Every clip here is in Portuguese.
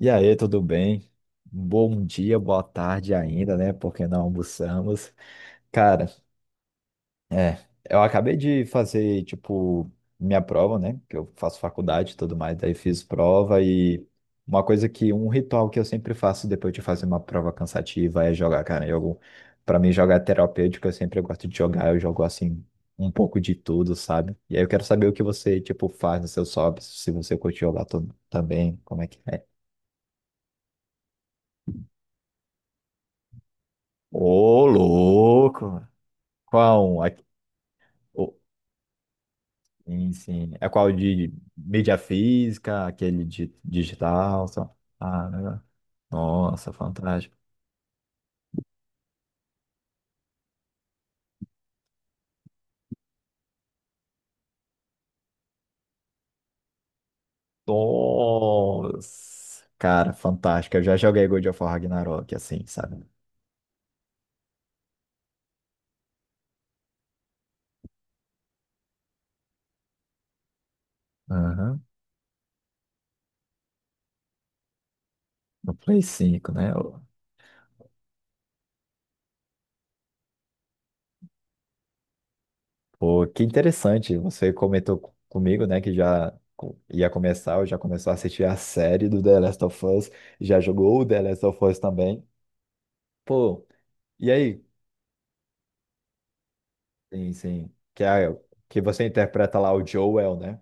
E aí, tudo bem? Bom dia, boa tarde ainda, né? Porque não almoçamos. Cara, é, eu acabei de fazer, tipo, minha prova, né? Que eu faço faculdade e tudo mais, daí fiz prova e uma coisa que, um ritual que eu sempre faço depois de fazer uma prova cansativa é jogar, cara. Jogo, pra mim, jogar é terapêutico, eu sempre gosto de jogar, eu jogo assim. Um pouco de tudo, sabe? E aí eu quero saber o que você, tipo, faz nos seus hobbies, se você curte jogar também, como é que é? Ô, louco! Qual? Um? Aqui, ô, sim, sim. É qual de mídia física, aquele de digital? Ah, né? Nossa, fantástico. Nossa! Cara, fantástico. Eu já joguei God of War Ragnarok, assim, sabe? Aham. No Play 5, né? Pô, que interessante. Você comentou comigo, né, que já ia começar, ou já começou a assistir a série do The Last of Us, já jogou o The Last of Us também. Pô, e aí, sim, sim. Que você interpreta lá o Joel, né?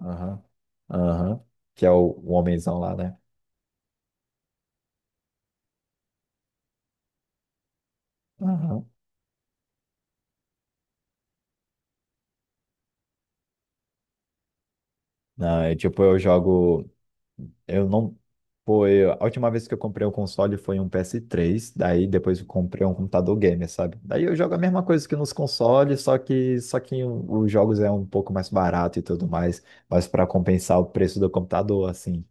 Aham. Aham. Que é o homenzão lá, né? Aham. Não, é tipo, eu jogo. Eu não. Pô, a última vez que eu comprei um console foi um PS3. Daí depois eu comprei um computador gamer, sabe? Daí eu jogo a mesma coisa que nos consoles, só que, os jogos é um pouco mais barato e tudo mais. Mas para compensar o preço do computador, assim.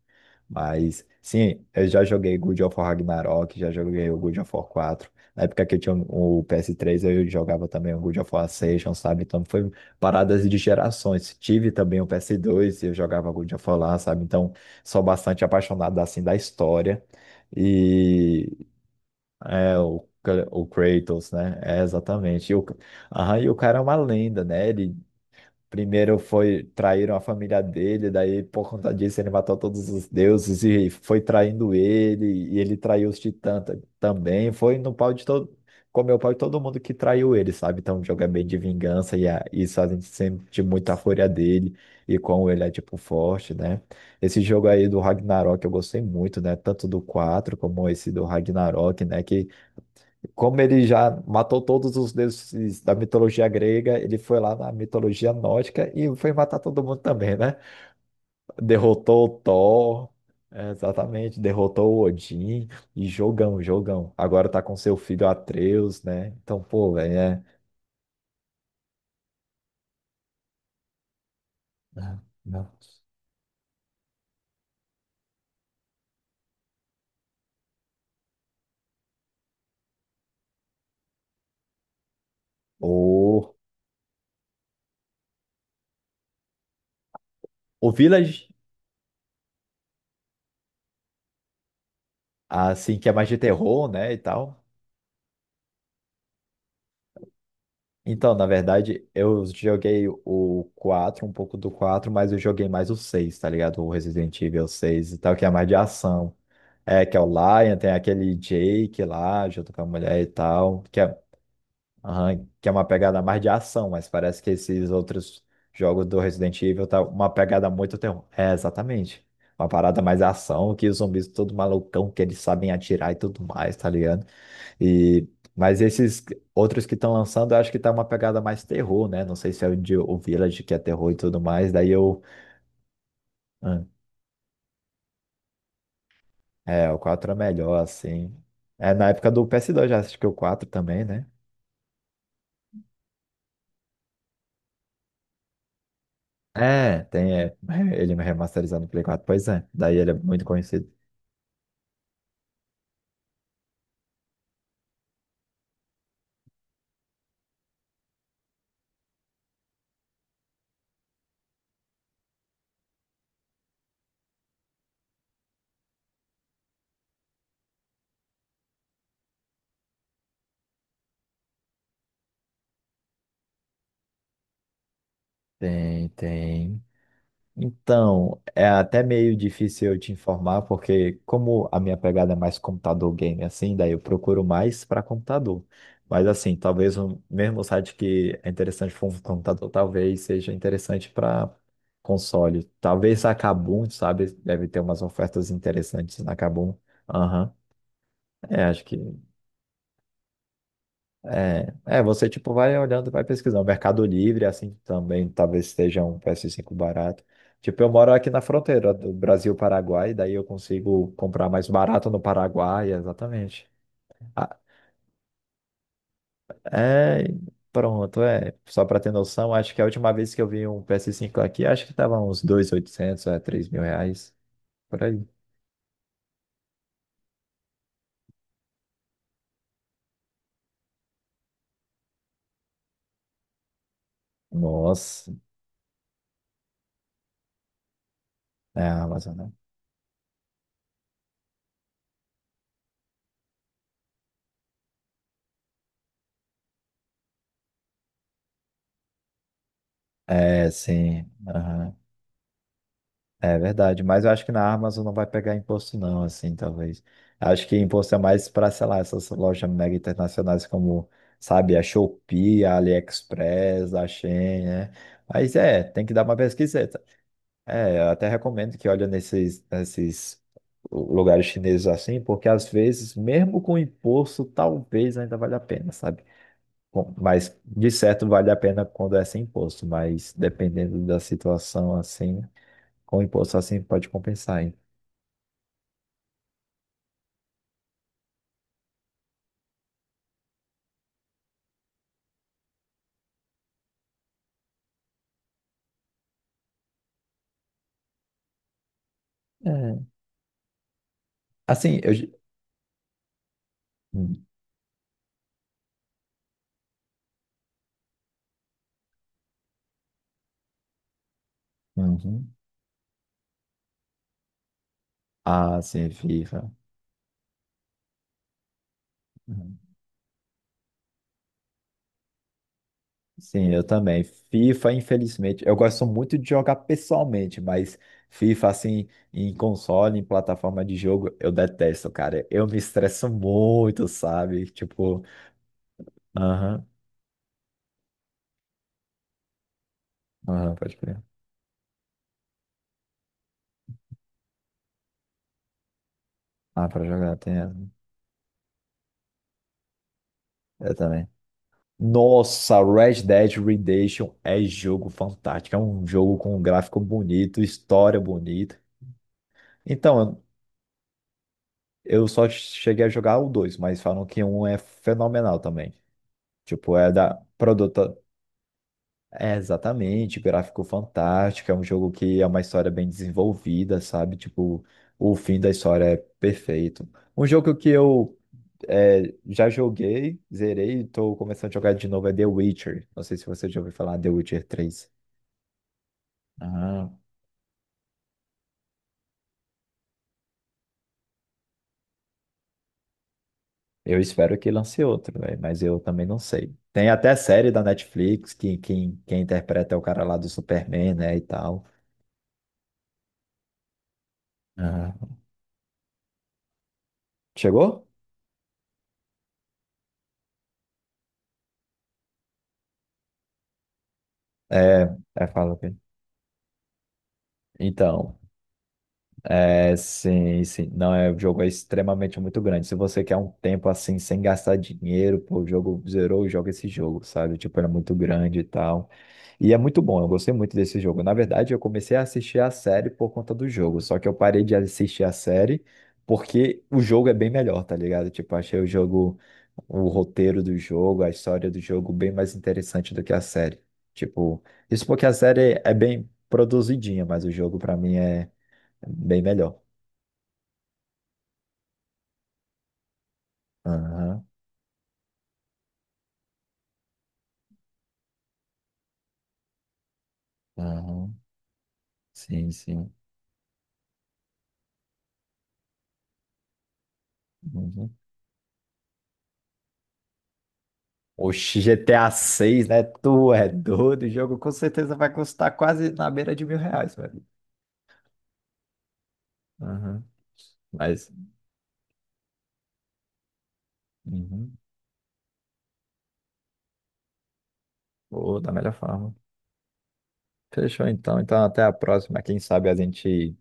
Mas, sim, eu já joguei God of War Ragnarok, já joguei o God of War 4. Na época que eu tinha o PS3, eu jogava também o God of War Ascension, sabe? Então, foi paradas de gerações. Tive também o PS2 e eu jogava God of War lá, sabe? Então, sou bastante apaixonado, assim, da história. E é o Kratos, né? É, exatamente. E o, aham, e o cara é uma lenda, né? Ele primeiro foi traíram a família dele, daí por conta disso ele matou todos os deuses e foi traindo ele, e ele traiu os titãs também. Foi no pau de todo, comeu o pau de todo mundo que traiu ele, sabe? Então o jogo é bem de vingança e isso a gente sente muita fúria dele e como ele é tipo forte, né? Esse jogo aí do Ragnarok eu gostei muito, né? Tanto do 4 como esse do Ragnarok, né? Que como ele já matou todos os deuses da mitologia grega, ele foi lá na mitologia nórdica e foi matar todo mundo também, né? Derrotou o Thor, é, exatamente, derrotou o Odin e jogão, jogão. Agora tá com seu filho Atreus, né? Então, pô, velho, é. É, não. O, o Village, assim, que é mais de terror, né, e tal. Então, na verdade, eu joguei o 4, um pouco do 4, mas eu joguei mais o 6, tá ligado? O Resident Evil 6 e tal, que é mais de ação. É, que é o Lion, tem aquele Jake lá, junto com a mulher e tal, que é, aham, que é uma pegada mais de ação, mas parece que esses outros jogos do Resident Evil tá uma pegada muito terror. É, exatamente. Uma parada mais ação, que os zumbis todo malucão, que eles sabem atirar e tudo mais, tá ligado? E, mas esses outros que estão lançando, eu acho que tá uma pegada mais terror, né? Não sei se é o, de, o Village que é terror e tudo mais. Daí eu. hum, É, o 4 é melhor, assim. É na época do PS2 já assisti que o quatro também, né? É, tem é, ele remasterizado no Play 4. Pois é, daí ele é muito conhecido. Tem, tem. Então, é até meio difícil eu te informar, porque como a minha pegada é mais computador game assim, daí eu procuro mais para computador. Mas assim, talvez o mesmo site que é interessante para um computador, talvez seja interessante para console. Talvez a Kabum, sabe? Deve ter umas ofertas interessantes na Kabum. Aham. É, acho que. É, você tipo vai olhando, vai pesquisando. Mercado Livre, assim, também talvez esteja um PS5 barato. Tipo, eu moro aqui na fronteira do Brasil-Paraguai, daí eu consigo comprar mais barato no Paraguai, exatamente. Ah, é, pronto, é. Só pra ter noção, acho que a última vez que eu vi um PS5 aqui, acho que tava uns 2.800, é, 3.000 reais, por aí. Nossa, é a Amazon, né? É, sim. É verdade, mas eu acho que na Amazon não vai pegar imposto não, assim, talvez. Acho que imposto é mais para, sei lá, essas lojas mega internacionais como, sabe, a Shopee, a AliExpress, a Shein, né? Mas é, tem que dar uma pesquiseta. É, eu até recomendo que olhe nesses lugares chineses assim, porque às vezes, mesmo com imposto, talvez ainda valha a pena, sabe? Bom, mas de certo vale a pena quando é sem imposto, mas dependendo da situação assim. Com o imposto assim pode compensar, hein? É. Assim, eu. Hum, uhum. Ah, sim, FIFA. Uhum. Sim, eu também. FIFA, infelizmente, eu gosto muito de jogar pessoalmente, mas FIFA, assim, em console, em plataforma de jogo, eu detesto, cara. Eu me estresso muito, sabe? Tipo, aham, aham, pode crer. Ah, pra jogar, tem essa. Eu também. Nossa, Red Dead Redemption é jogo fantástico. É um jogo com um gráfico bonito, história bonita. Então, eu só cheguei a jogar o dois, mas falam que um é fenomenal também. Tipo, é da produta. É exatamente, gráfico fantástico. É um jogo que é uma história bem desenvolvida, sabe? Tipo, o fim da história é perfeito. Um jogo que eu é, já joguei, zerei e tô começando a jogar de novo. É The Witcher. Não sei se você já ouviu falar The Witcher 3. Ah, eu espero que lance outro, velho, mas eu também não sei. Tem até série da Netflix, que quem interpreta é o cara lá do Superman, né, e tal. Ah, chegou? É, é, fala, ok. Então, é, sim, sim. Não, é, o jogo é extremamente muito grande. Se você quer um tempo assim, sem gastar dinheiro, pô, o jogo zerou, joga esse jogo, sabe? Tipo, era muito grande e tal. E é muito bom, eu gostei muito desse jogo. Na verdade, eu comecei a assistir a série por conta do jogo, só que eu parei de assistir a série porque o jogo é bem melhor, tá ligado? Tipo, achei o jogo, o roteiro do jogo, a história do jogo bem mais interessante do que a série. Tipo, isso porque a série é bem produzidinha, mas o jogo pra mim é bem melhor. Aham, aham, sim, sim. Uhum. Oxi, GTA 6, né? Tu é doido, o jogo com certeza vai custar quase na beira de 1.000 reais, velho. Aham. Mas, uhum. Boa, da melhor forma. Fechou então. Então, até a próxima. Quem sabe a gente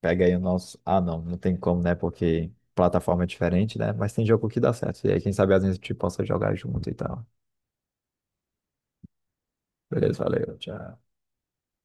pega aí o nosso. Ah, não, não tem como, né? Porque plataforma é diferente, né? Mas tem jogo que dá certo. E aí, quem sabe a gente possa jogar junto e tal. Beleza, valeu, tchau.